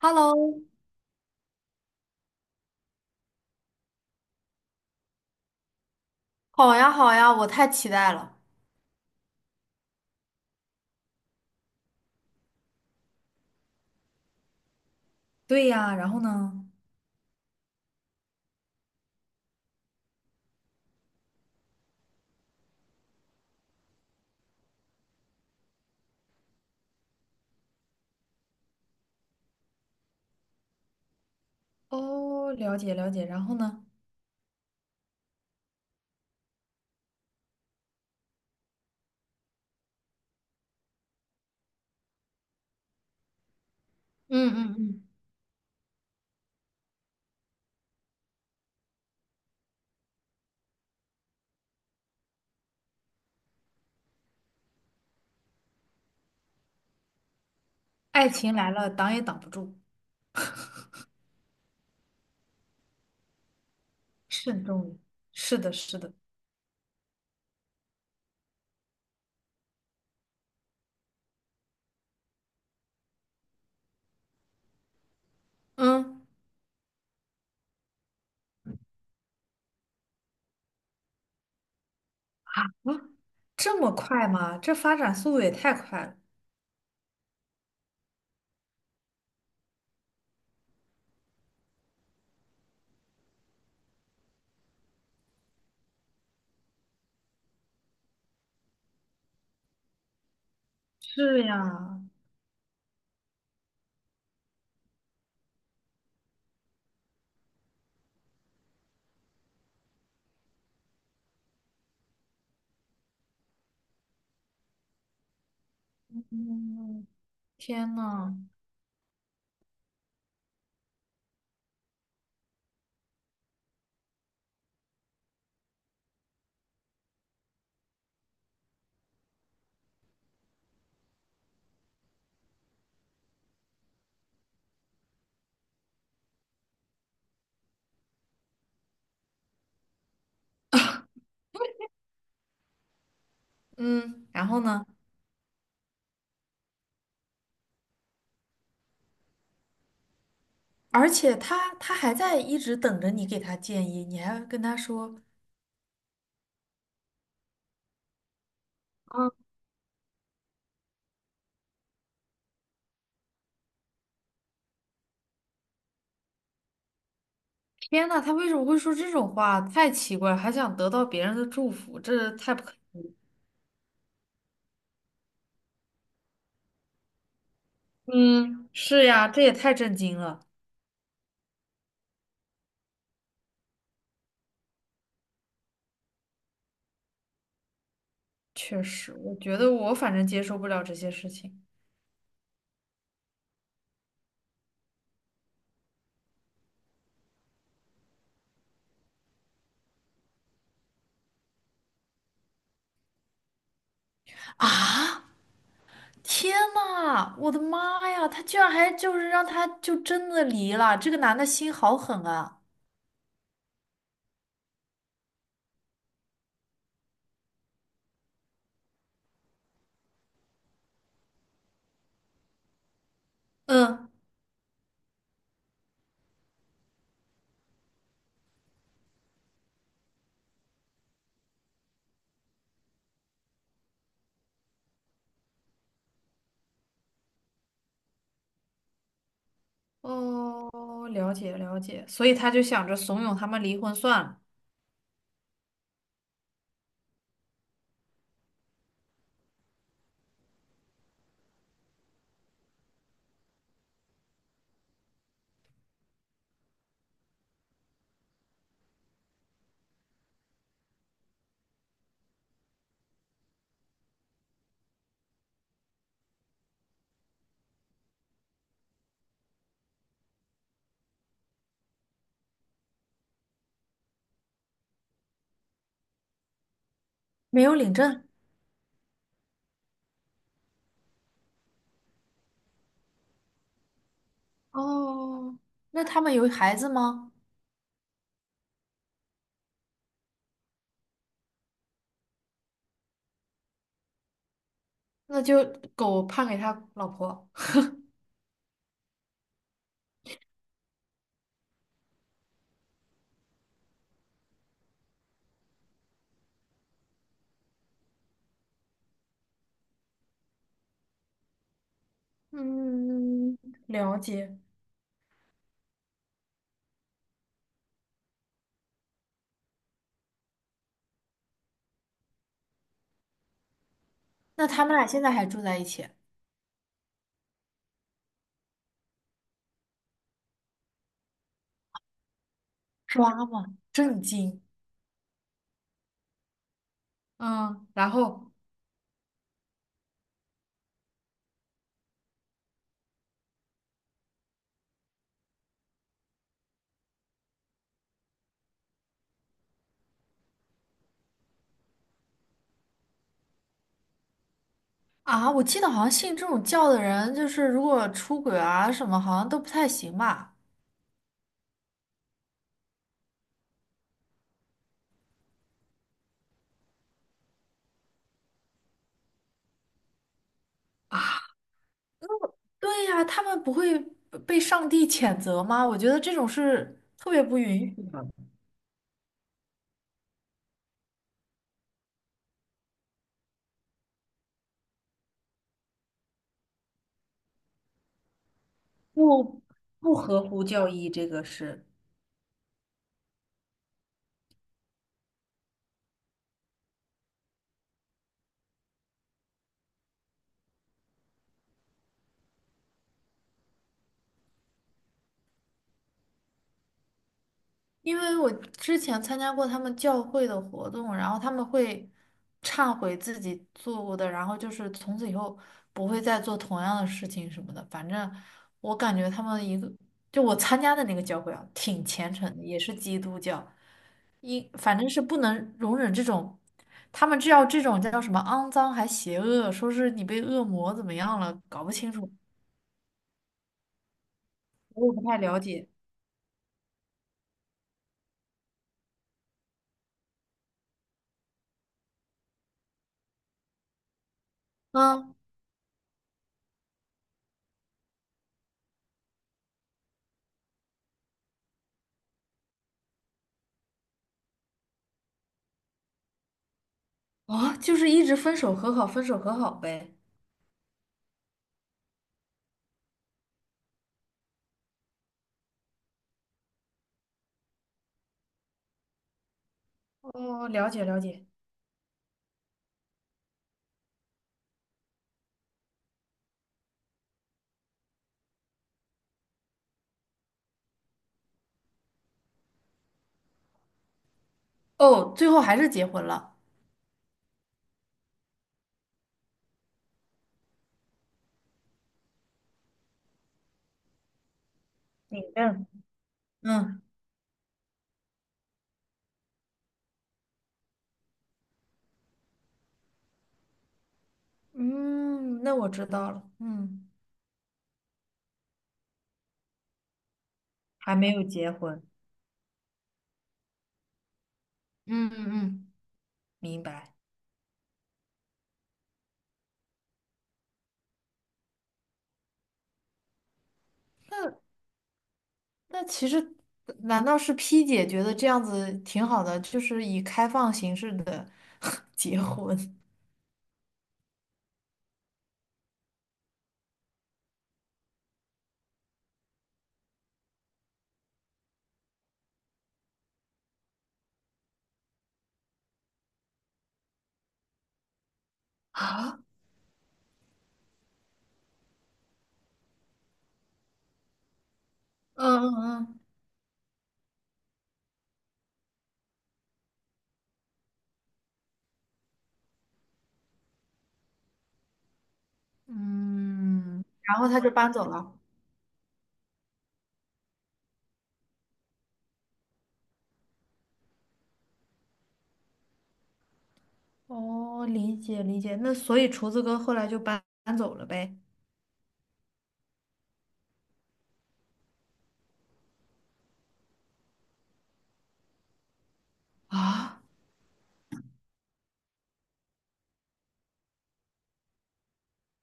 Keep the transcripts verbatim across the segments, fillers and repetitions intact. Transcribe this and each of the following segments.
Hello，好呀好呀，我太期待了。对呀，然后呢？哦，了解了解，然后呢？嗯嗯嗯。爱情来了，挡也挡不住。慎重于是的，是的。嗯。啊，这么快吗？这发展速度也太快了。是呀。嗯，天呐。嗯，然后呢？而且他他还在一直等着你给他建议，你还跟他说。天呐，他为什么会说这种话？太奇怪了，还想得到别人的祝福，这太不可思议。嗯，是呀，这也太震惊了。确实，我觉得我反正接受不了这些事情。啊！天呐，我的妈呀，他居然还就是让他就真的离了，这个男的心好狠啊！嗯。哦，了解了解，所以他就想着怂恿他们离婚算了。没有领证。哦，那他们有孩子吗？那就狗判给他老婆。嗯，了解。那他们俩现在还住在一起？抓嘛，震惊！嗯，然后。啊，我记得好像信这种教的人，就是如果出轨啊什么，好像都不太行吧？啊。对呀，他们不会被上帝谴责吗？我觉得这种是特别不允许的。不不合乎教义，这个是。因为我之前参加过他们教会的活动，然后他们会忏悔自己做过的，然后就是从此以后不会再做同样的事情什么的。反正我感觉他们一个，就我参加的那个教会啊，挺虔诚的，也是基督教，一反正是不能容忍这种，他们知道这种叫什么肮脏还邪恶，说是你被恶魔怎么样了，搞不清楚，我也不太了解。嗯。啊，就是一直分手和好，分手和好呗。哦，了解了解。哦，最后还是结婚了。领证。嗯嗯，那我知道了。嗯，还没有结婚，嗯嗯嗯，明白。那那其实难道是 P 姐觉得这样子挺好的，就是以开放形式的 结婚。啊，嗯嗯嗯。嗯，然后他就搬走了。哦，理解理解。那所以厨子哥后来就搬搬走了呗？啊？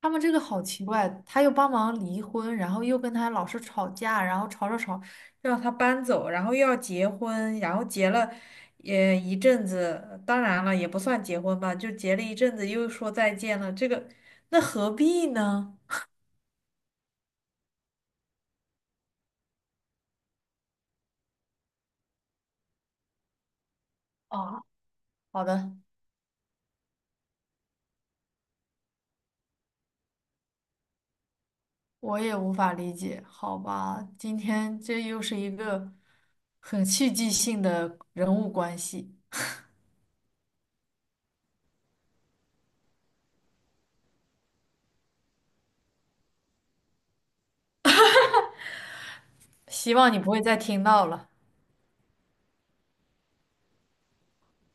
他们这个好奇怪，他又帮忙离婚，然后又跟他老是吵架，然后吵吵吵，让他搬走，然后又要结婚，然后结了也一阵子，当然了，也不算结婚吧，就结了一阵子，又说再见了，这个那何必呢？啊，好的。我也无法理解。好吧，今天这又是一个很戏剧性的人物关系。希望你不会再听到了。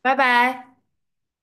拜拜。